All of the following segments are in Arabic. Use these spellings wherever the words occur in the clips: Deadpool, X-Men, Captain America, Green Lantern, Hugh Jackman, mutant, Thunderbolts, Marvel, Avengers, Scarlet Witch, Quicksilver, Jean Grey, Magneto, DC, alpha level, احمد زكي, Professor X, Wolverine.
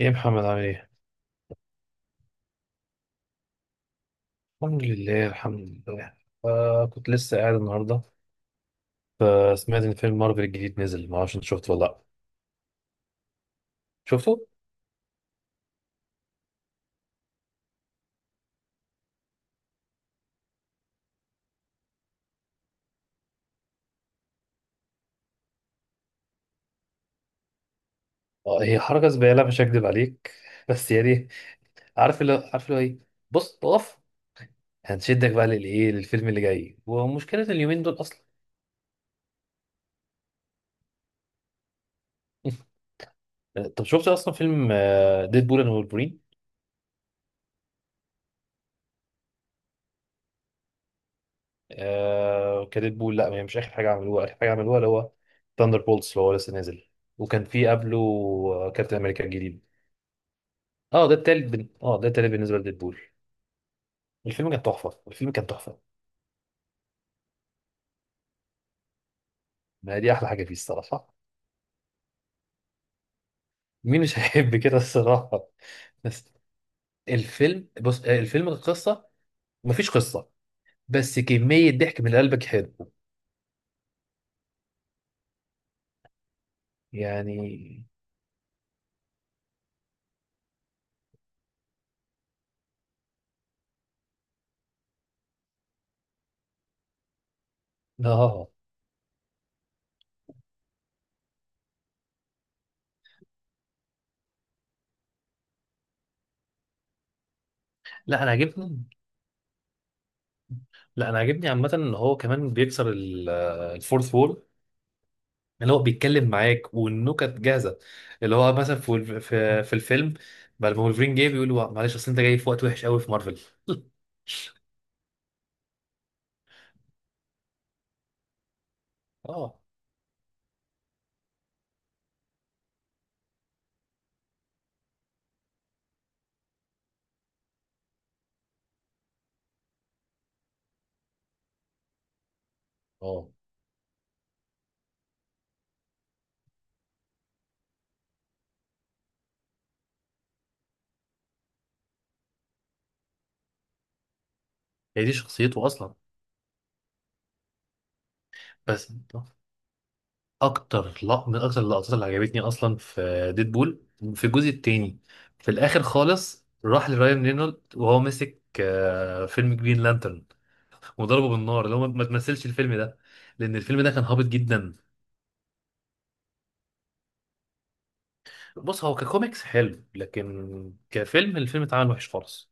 ايه يا محمد عامل ايه؟ الحمد لله الحمد لله. كنت لسه قاعد النهارده، فسمعت ان فيلم مارفل الجديد نزل. ما اعرفش انت شفته ولا لا. شفته؟ هي حركه زباله، مش هكدب عليك بس يعني عارف اللي هو ايه. بص اقف، هنشدك بقى للفيلم اللي جاي، ومشكله اليومين دول اصلا طب شفت اصلا فيلم ديدبول اند وولفرين؟ كديدبول، لا هي مش اخر حاجه عملوها. اخر حاجه عملوها اللي هو ثاندر بولتس، اللي هو لسه نازل. وكان في قبله كابتن امريكا الجديد. اه ده التالت بالنسبه لديدبول. الفيلم كان تحفه الفيلم كان تحفه. ما هي دي احلى حاجه فيه الصراحه. مين مش هيحب كده الصراحه؟ بس الفيلم، بص الفيلم القصه مفيش قصه، بس كميه ضحك من قلبك حلو. يعني اه آه، آه. لا انا عاجبني لا انا عاجبني عامه ان هو كمان بيكسر الفورث وول. اللي هو بيتكلم معاك والنكت جاهزه. اللي هو مثلا في الفيلم، بعد ما ولفرين جه بيقول له معلش، اصل انت جاي في وقت وحش قوي في مارفل اه اه هي دي شخصيته اصلا. بس من اكتر اللقطات اللي عجبتني اصلا في ديدبول، في الجزء التاني، في الاخر خالص راح لراين رينولد وهو ماسك فيلم جرين لانترن، وضربه بالنار. اللي هو ما تمثلش الفيلم ده، لان الفيلم ده كان هابط جدا. بص هو ككوميكس حلو، لكن كفيلم الفيلم اتعمل وحش خالص.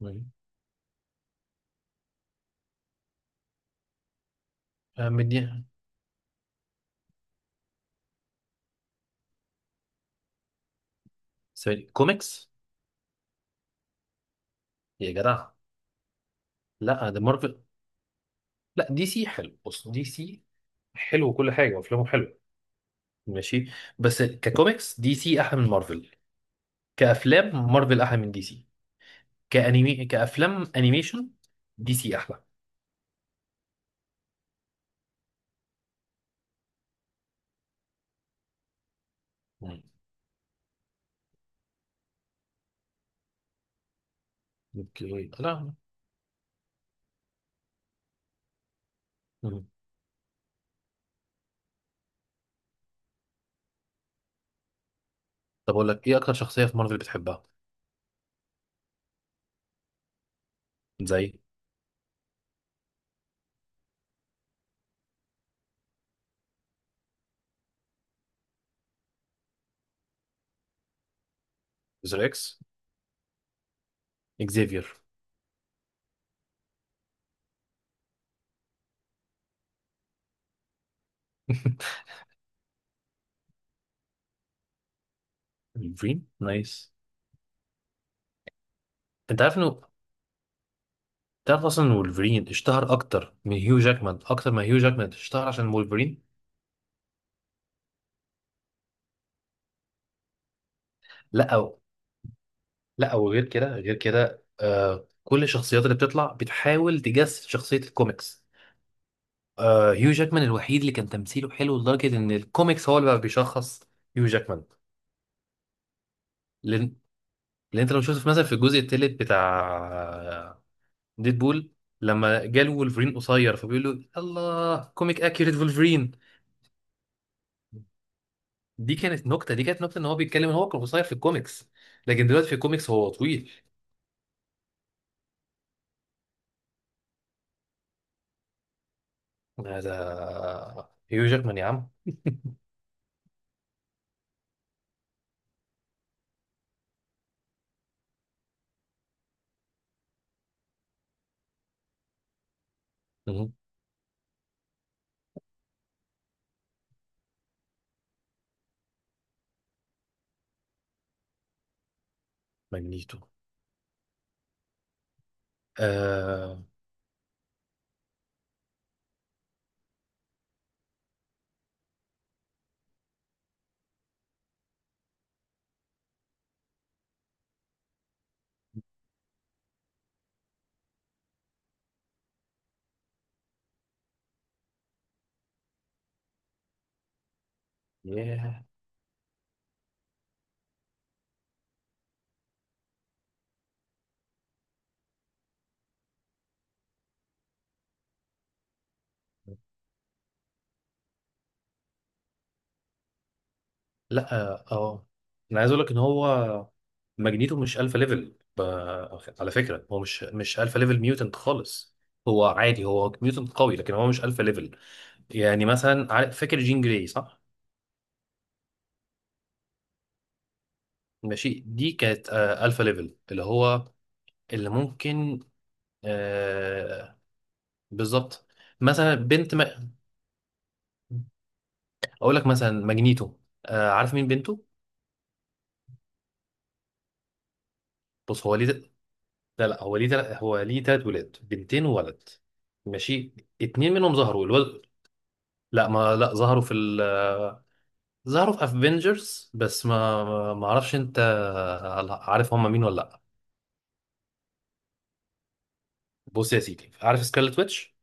مم. من دي، سوري، كوميكس يا جدع. لا ده مارفل. لا دي سي حلو، بص دي سي حلو وكل حاجه وافلامه حلوه. ماشي. بس ككوميكس دي سي احلى من مارفل، كافلام مارفل احلى من دي سي، كانيمي كافلام انيميشن دي سي احلى. مم. اوكي لا. مم. طب اقول لك ايه اكتر شخصيه في مارفل بتحبها؟ زي زر اكس، اكزيفير، ولفرين نايس. انت عارف انه تعرف اصلا ان ولفرين اشتهر اكتر من هيو جاكمان، اكتر ما هيو جاكمان اشتهر عشان ولفرين. لا أو لا، وغير كده غير كده كل الشخصيات اللي بتطلع بتحاول تجسد شخصيه الكوميكس. هيو جاكمان الوحيد اللي كان تمثيله حلو لدرجة إن الكوميكس هو اللي بقى بيشخص هيو جاكمان. لأن لأن أنت لو شفت مثلا في الجزء التالت بتاع ديدبول، لما جاله وولفرين قصير فبيقول له الله كوميك أكيوريت وولفرين. دي كانت نكتة دي كانت نكتة إن هو بيتكلم إن هو كان قصير في الكوميكس، لكن دلوقتي في الكوميكس هو طويل. هذا هيو جاكمان يا عم. مهم. ماجنيتو. آه... ياه. لا. انا عايز اقول لك ان هو ماجنيتو مش الفا ليفل على فكره هو مش الفا ليفل ميوتنت خالص. هو عادي، هو ميوتنت قوي، لكن هو مش الفا ليفل. يعني مثلا فاكر جين جراي، صح؟ ماشي. دي كانت الفا ليفل، اللي هو اللي ممكن آه بالظبط. مثلا بنت ما... اقول لك مثلا ماجنيتو، عارف مين بنته؟ بص هو ليه لا لا، هو ليه تلات ولاد، بنتين وولد. ماشي. اتنين منهم ظهروا، الولد، لا ما لا، ظهروا في افنجرز. بس ما اعرفش انت عارف هم مين ولا لا. بص يا سيدي، عارف سكارلت ويتش؟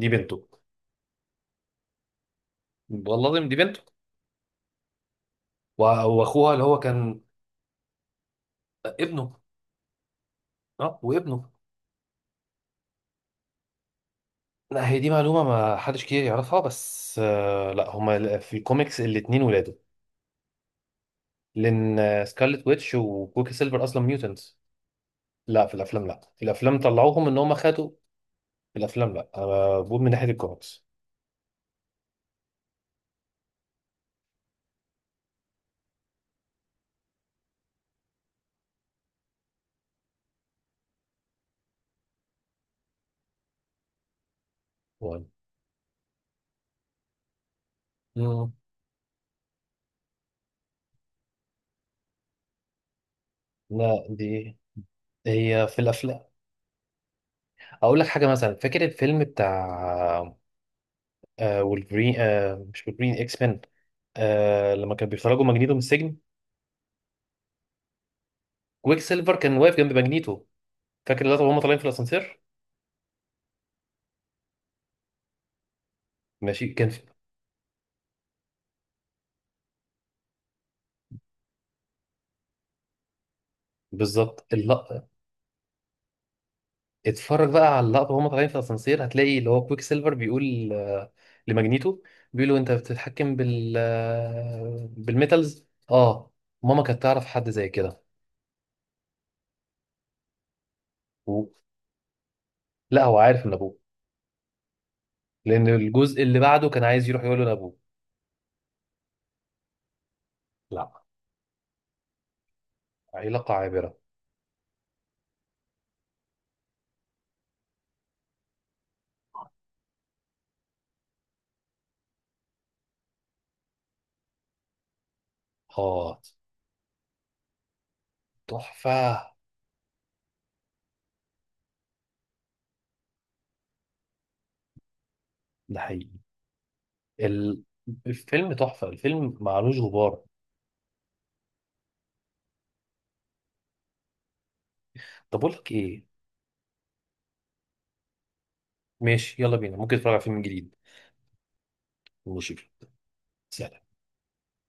دي بنته. والله العظيم دي بنته. واخوها اللي هو كان ابنه. اه وابنه. لا هي دي معلومة ما حدش كتير يعرفها، بس لا هما في الكوميكس الاتنين ولاده. لان سكارلت ويتش وكوكي سيلفر اصلا ميوتنتس. لا في الافلام، لا في الافلام طلعوهم ان هم خدوا. في الافلام لا، انا بقول من ناحية الكوميكس. مم. لا دي هي في الافلام. اقول لك حاجه، مثلا فاكر الفيلم بتاع آه وولفرين آه مش وولفرين، اكس مان، لما كان بيخرجوا ماجنيتو من السجن، كويك سيلفر كان واقف جنب ماجنيتو. فاكر اللقطه وهم طالعين في الاسانسير؟ ماشي كان في. بالظبط اللقطه. اتفرج بقى على اللقطه وهم طالعين في الاسانسير، هتلاقي اللي هو كويك سيلفر بيقول لماجنيتو، بيقول له انت بتتحكم بالميتالز. اه ماما كانت تعرف حد زي كده. و- لا هو عارف ان ابوه، لأن الجزء اللي بعده كان عايز يروح يقول له لأبوه. لا علاقة عابرة. آه تحفة. ده حقيقي. ال- الفيلم تحفة الفيلم معلوش غبار. طب أقول لك إيه؟ ماشي يلا بينا، ممكن نتفرج على فيلم جديد. ماشي سلام.